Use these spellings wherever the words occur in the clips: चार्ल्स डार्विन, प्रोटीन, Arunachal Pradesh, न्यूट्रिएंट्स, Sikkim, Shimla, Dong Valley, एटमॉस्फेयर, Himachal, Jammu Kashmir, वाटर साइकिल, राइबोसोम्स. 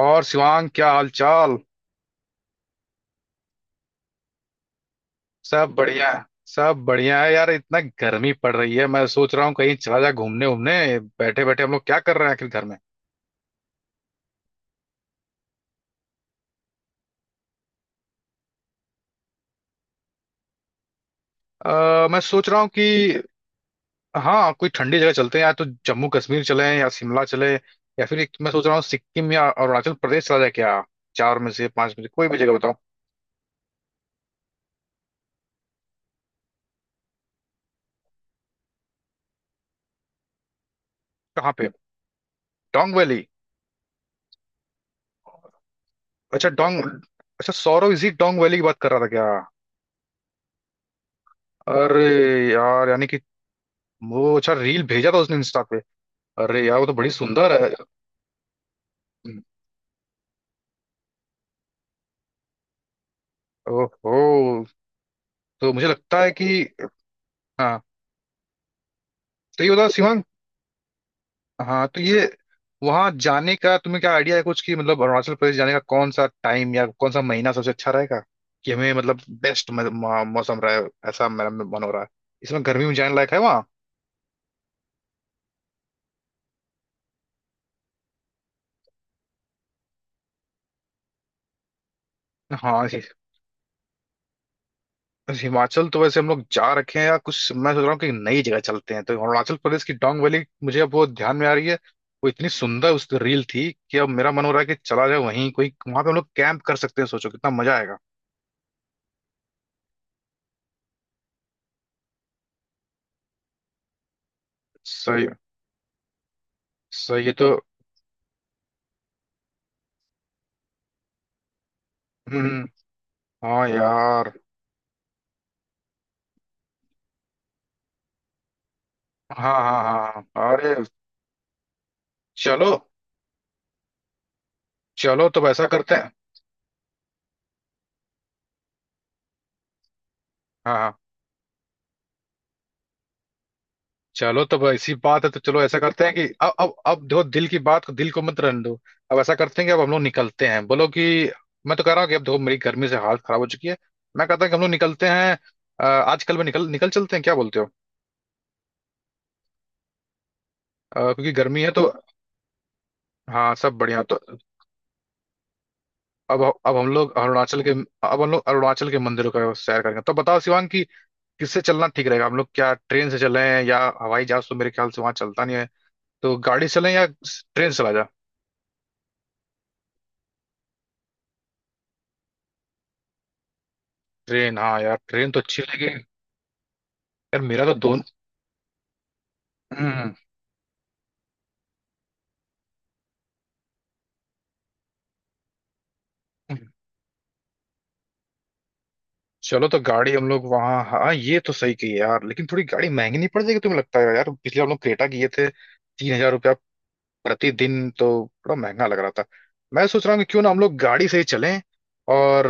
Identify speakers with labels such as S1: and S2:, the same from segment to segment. S1: और शिवांग क्या हाल चाल। सब बढ़िया है। सब बढ़िया है यार, इतना गर्मी पड़ रही है, मैं सोच रहा हूँ कहीं चला जा घूमने उमने। बैठे बैठे हम लोग क्या कर रहे हैं आखिर घर में। मैं सोच रहा हूँ कि हाँ, कोई ठंडी जगह चलते हैं, या तो जम्मू कश्मीर चले या शिमला चले, या फिर एक मैं सोच रहा हूँ सिक्किम या अरुणाचल प्रदेश चला जाए क्या। चार में से पांच में से कोई भी जगह बताओ। कहाँ पे। डोंग वैली। अच्छा डोंग। अच्छा सौरव इसी डोंग वैली की बात कर रहा था क्या। अरे यार, यानी कि वो अच्छा रील भेजा था उसने इंस्टा। अरे यार, वो तो बड़ी सुंदर है। ओहो। तो मुझे लगता है कि हाँ। तो ये बताओ शिवांग। हाँ तो ये वहाँ जाने का तुम्हें क्या आइडिया है कुछ, कि मतलब अरुणाचल प्रदेश जाने का कौन सा टाइम या कौन सा महीना सबसे अच्छा रहेगा, कि हमें मतलब बेस्ट मौसम रहे। ऐसा मेरा मन हो रहा है। इसमें गर्मी में जाने लायक है वहाँ। हाँ। बस हिमाचल तो वैसे हम लोग जा रखे हैं या कुछ, मैं सोच रहा हूँ कि नई जगह चलते हैं, तो अरुणाचल प्रदेश की डोंग वैली मुझे अब वो ध्यान में आ रही है। वो इतनी सुंदर उस रील थी कि अब मेरा मन हो रहा है कि चला जाए वहीं। कोई वहां पे हम लोग कैंप कर सकते हैं, सोचो कितना मजा आएगा। सही सही है तो। हम्म। हाँ यार। हाँ हाँ हाँ हाँ। अरे चलो। चलो तो ऐसा करते हैं। हाँ हाँ। चलो तो अब ऐसी बात है तो चलो ऐसा करते हैं कि अब देखो, दिल की बात को दिल को मत रहने दो। अब ऐसा करते हैं कि अब हम लोग निकलते हैं। बोलो कि, मैं तो कह रहा हूँ कि अब देखो, मेरी गर्मी से हालत खराब हो चुकी है। मैं कहता हूँ कि हम लोग निकलते हैं। आजकल में निकल निकल चलते हैं, क्या बोलते हो। क्योंकि गर्मी है तो। हाँ, सब बढ़िया तो। अब अब हम लोग अरुणाचल के अब हम लोग अरुणाचल के मंदिरों का सैर करेंगे। तो बताओ शिवांग कि किससे चलना ठीक रहेगा। हम लोग क्या ट्रेन से चलें, या हवाई जहाज तो मेरे ख्याल से वहां चलता नहीं है, तो गाड़ी से चलें या ट्रेन से चला जा। ट्रेन। हाँ यार, ट्रेन तो अच्छी लगी। यार मेरा तो दोन हम्म। चलो तो गाड़ी हम लोग वहाँ। हाँ, ये तो सही कही यार, लेकिन थोड़ी गाड़ी महंगी नहीं पड़ जाएगी, तुम्हें लगता है यार, पिछले हम लोग क्रेटा किए थे, 3,000 रुपया प्रतिदिन, तो थोड़ा महंगा लग रहा था। मैं सोच रहा हूँ कि क्यों ना हम लोग गाड़ी से ही चलें। और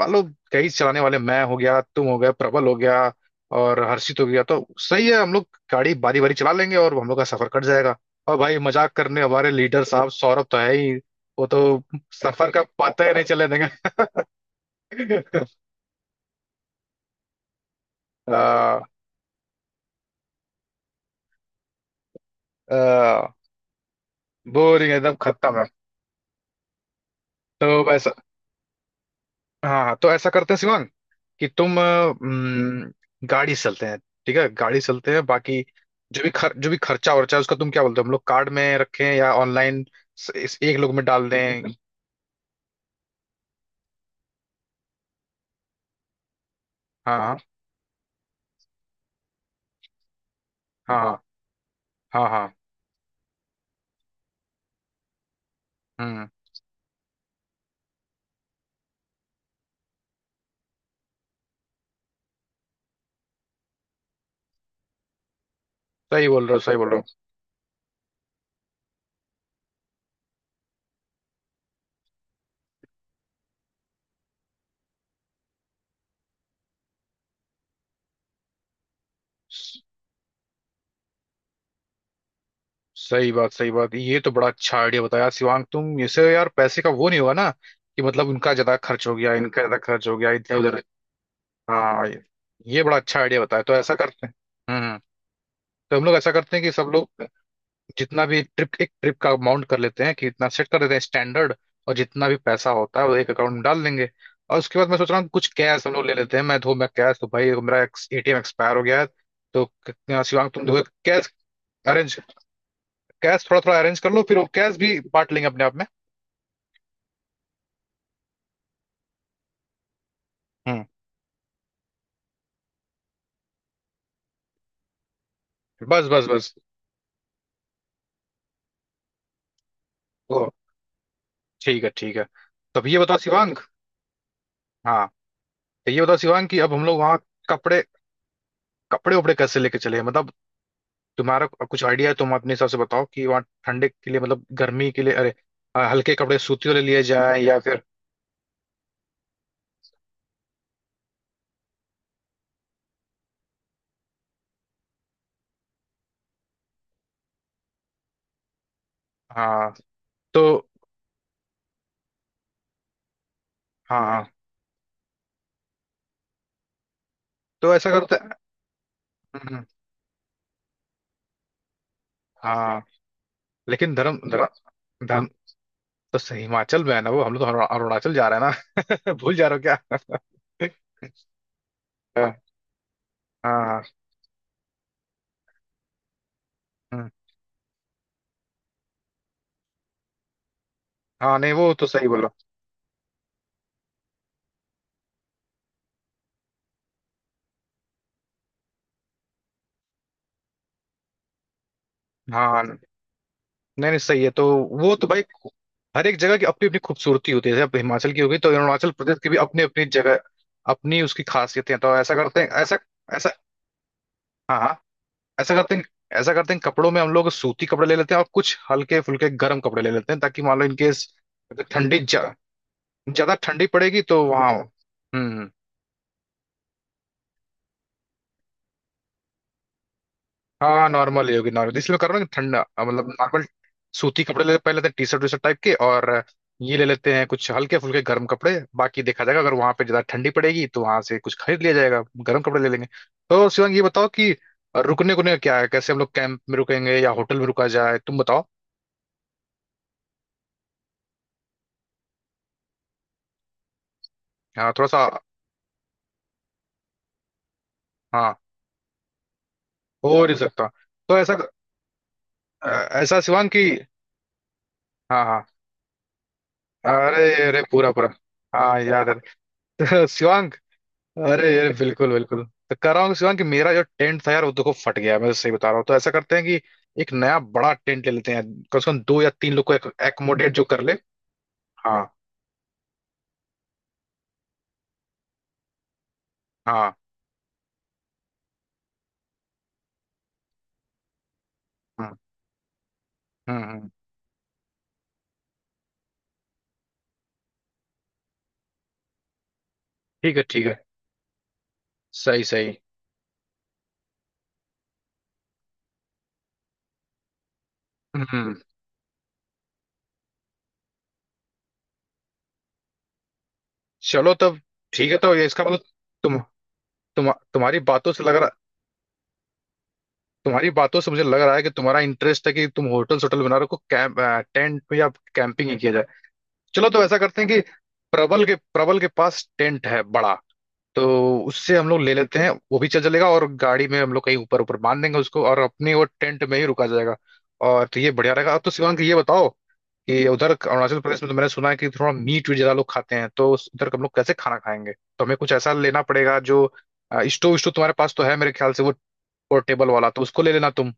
S1: मान लो कई चलाने वाले, मैं हो गया, तुम हो गया, प्रबल हो गया और हर्षित हो गया, तो सही है, हम लोग गाड़ी बारी बारी चला लेंगे और हम लोग का सफर कट जाएगा। और भाई मजाक करने हमारे लीडर साहब सौरभ तो है ही। वो तो सफर का पता ही नहीं चले। आ, बोरिंग एकदम खत्म है। तो ऐसा। हाँ हाँ, तो ऐसा करते हैं शिवांग कि तुम हम्म, गाड़ी से चलते हैं। ठीक है, गाड़ी से चलते हैं। बाकी जो भी खर्चा वर्चा है उसका तुम क्या बोलते हो, हम लोग कार्ड में रखें या ऑनलाइन इस एक लोग में डाल दें। हाँ हाँ हाँ हाँ हाँ हाँ, हम्म। सही बोल रहे हो, सही बोल रहे हो। सही बात, सही बात। ये तो बड़ा अच्छा आइडिया बताया शिवांग तुम, इससे यार पैसे का वो नहीं होगा ना, कि मतलब उनका ज्यादा खर्च हो गया, इनका ज्यादा खर्च हो गया, इधर उधर। हाँ। ये बड़ा अच्छा आइडिया बताया, तो ऐसा करते हैं। हम्म। तो हम लोग ऐसा करते हैं कि सब लोग जितना भी ट्रिप, एक ट्रिप का अमाउंट कर लेते हैं कि इतना सेट कर देते हैं स्टैंडर्ड, और जितना भी पैसा होता है वो एक अकाउंट में डाल देंगे। और उसके बाद मैं सोच रहा हूँ कुछ कैश हम लोग ले लेते हैं। मैं कैश, तो भाई मेरा एटीएम एक्सपायर हो गया है। तो शिवांग, तुम धो कैश अरेंज, कैश थोड़ा थोड़ा अरेंज कर लो, फिर वो कैश भी बांट लेंगे अपने आप में। हम्म। बस बस बस। ओ, ठीक है ठीक है। तब ये बताओ शिवांग। हाँ, तो ये बताओ शिवांग कि अब हम लोग वहाँ कपड़े, कपड़े उपड़े कैसे लेके चले, मतलब तुम्हारा कुछ आइडिया है, तुम अपने हिसाब से बताओ कि वहाँ ठंडे के लिए मतलब गर्मी के लिए, अरे हल्के कपड़े सूती वाले लिए जाए या फिर। हाँ तो। हाँ हाँ। तो ऐसा करते। हम्म, हाँ। लेकिन धर्म धर्म धर्म तो सही हिमाचल में है ना। वो हम लोग तो अरुणाचल जा रहे हैं ना। भूल जा रहे हो क्या। हाँ हाँ हाँ। हम्म, हाँ, नहीं वो तो सही बोला। हाँ, नहीं नहीं सही है तो। वो तो भाई हर एक जगह की अपनी अपनी खूबसूरती होती है। जैसे अब हिमाचल की होगी, तो अरुणाचल प्रदेश की भी अपनी अपनी जगह, अपनी उसकी खासियतें हैं। तो ऐसा करते हैं ऐसा ऐसा। हाँ हाँ। ऐसा करते हैं। ऐसा करते हैं कपड़ों में हम लोग सूती कपड़े ले लेते हैं और कुछ हल्के फुल्के गर्म कपड़े ले लेते हैं, ताकि मान लो इनकेस अगर ज्यादा ठंडी पड़ेगी तो वहाँ। हाँ, नॉर्मल ही होगी नॉर्मल, इसलिए मैं कर रहा हूँ कि ठंडा मतलब नॉर्मल सूती कपड़े ले पहले लेते हैं, T shirt V shirt type के, और ये ले लेते हैं कुछ हल्के फुल्के गर्म कपड़े, बाकी देखा जाएगा, अगर वहां पे ज्यादा ठंडी पड़ेगी तो वहां से कुछ खरीद लिया जाएगा, गर्म कपड़े ले लेंगे। तो शिवांग ये बताओ कि रुकने को क्या है, कैसे हम लोग कैंप में रुकेंगे या होटल में रुका जाए, तुम बताओ। हाँ थोड़ा सा। हाँ, हो नहीं सकता। तो ऐसा। अ, ऐसा शिवांग की। हाँ हाँ। अरे अरे, पूरा पूरा हाँ याद है। शिवांग, अरे ये बिल्कुल बिल्कुल। तो कह रहा हूँ शिवांग कि मेरा जो टेंट था यार वो देखो फट गया है, मैं तो सही बता रहा हूँ। तो ऐसा करते हैं कि एक नया बड़ा टेंट ले लेते हैं, कम से कम दो या तीन लोग को एकोमोडेट जो कर ले। हाँ हाँ। हम्म हम्म हम्म, ठीक है ठीक है। सही सही। हम्म हम्म। चलो, तब ठीक है, तो ये इसका मतलब, तुम तुम तुम्हारी बातों से लग रहा, तुम्हारी बातों से मुझे लग रहा है कि तुम्हारा इंटरेस्ट है कि तुम होटल, होटल बना रखो, कैंप टेंट में, या कैंपिंग ही किया जाए। चलो तो ऐसा करते हैं कि प्रबल के पास टेंट है बड़ा, तो उससे हम लोग ले लेते हैं, वो भी चल चलेगा, और गाड़ी में हम लोग कहीं ऊपर ऊपर बांध देंगे उसको, और अपने वो टेंट में ही रुका जाएगा। और तो ये बढ़िया रहेगा। अब तो शिवांग ये बताओ कि उधर अरुणाचल प्रदेश में तो मैंने सुना है कि थोड़ा मीट वीट ज्यादा लोग खाते हैं, तो उधर हम लोग कैसे खाना खाएंगे, तो हमें कुछ ऐसा लेना पड़ेगा जो स्टोव, स्टोव तुम्हारे पास तो है मेरे ख्याल से, वो पोर्टेबल वाला, तो उसको ले लेना तुम।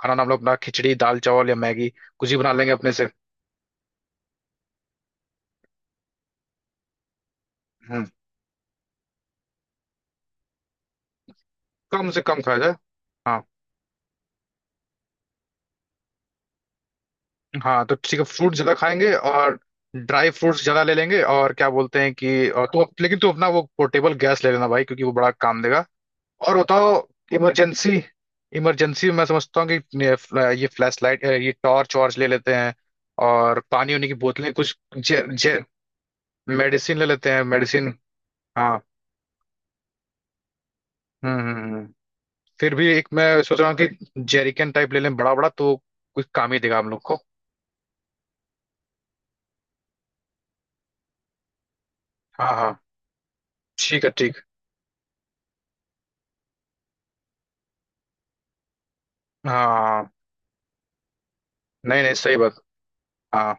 S1: खाना ना हम लोग अपना खिचड़ी दाल चावल या मैगी कुछ ही बना लेंगे अपने से। हम्म। कम से कम खाया जाए। हाँ तो ठीक है, फ्रूट ज्यादा खाएंगे और ड्राई फ्रूट्स ज्यादा ले लेंगे, और क्या बोलते हैं कि, और तो लेकिन तू अपना वो पोर्टेबल गैस ले लेना भाई, क्योंकि वो बड़ा काम देगा। और बताओ इमरजेंसी, इमरजेंसी मैं समझता हूँ कि ये फ्लैश लाइट, ये टॉर्च वॉर्च ले लेते हैं, और पानी उनी की बोतलें कुछ जे, जे, मेडिसिन ले लेते हैं, मेडिसिन। हाँ। हम्म हम्म, हम्म। फिर भी एक मैं सोच रहा हूँ कि जेरिकन टाइप ले लें बड़ा बड़ा, तो कुछ काम ही देगा हम लोग को। हाँ हाँ। ठीक है ठीक। हाँ, नहीं नहीं सही बात। हाँ,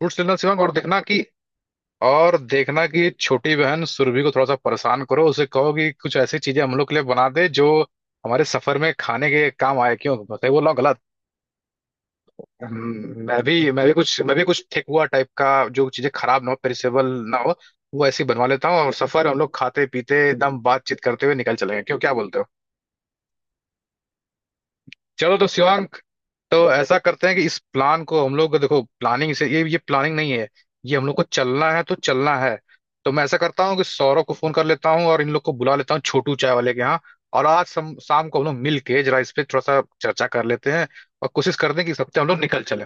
S1: फूड सिग्नल शिवांग। और देखना कि छोटी बहन सुरभि को थोड़ा सा परेशान करो, उसे कहो कि कुछ ऐसी चीजें हम लोग के लिए बना दे जो हमारे सफर में खाने के काम आए। क्यों बताइए, बोल रहा हूँ गलत। मैं भी कुछ ठेकुआ टाइप का, जो चीजें खराब ना हो, पेरिसेबल ना हो, वो ऐसी बनवा लेता हूँ, और सफर हम लोग खाते पीते एकदम बातचीत करते हुए निकल चलेंगे, क्यों क्या बोलते हो। चलो तो शिवांक, तो ऐसा करते हैं कि इस प्लान को हम लोग देखो प्लानिंग से, ये प्लानिंग नहीं है, ये हम लोग को चलना है तो चलना है। तो मैं ऐसा करता हूँ कि सौरभ को फोन कर लेता हूँ और इन लोग को बुला लेता हूँ छोटू चाय वाले के यहाँ, और आज शाम को हम लोग मिल के जरा इस पे थोड़ा सा चर्चा कर लेते हैं, और कोशिश करते हैं कि इस हफ्ते हम लोग निकल चले।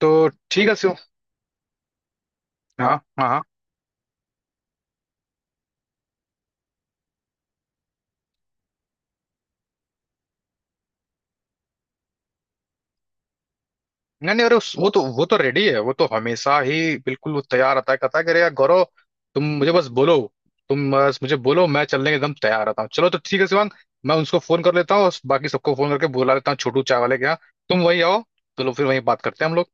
S1: तो ठीक है शिव। हाँ हाँ हाँ। नहीं नहीं, अरे वो तो, वो तो रेडी है, वो तो हमेशा ही बिल्कुल वो तैयार रहता है, कहता है कि अरे यार गौरव, तुम मुझे बस बोलो, तुम बस मुझे बोलो, मैं चलने के एकदम तैयार रहता हूँ। चलो तो ठीक है शिवांग, मैं उसको फोन कर लेता हूँ और बाकी सबको फोन करके बुला लेता हूँ छोटू चाय वाले के यहाँ, तुम वहीं आओ। चलो फिर वहीं बात करते हैं हम लोग,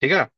S1: ठीक है।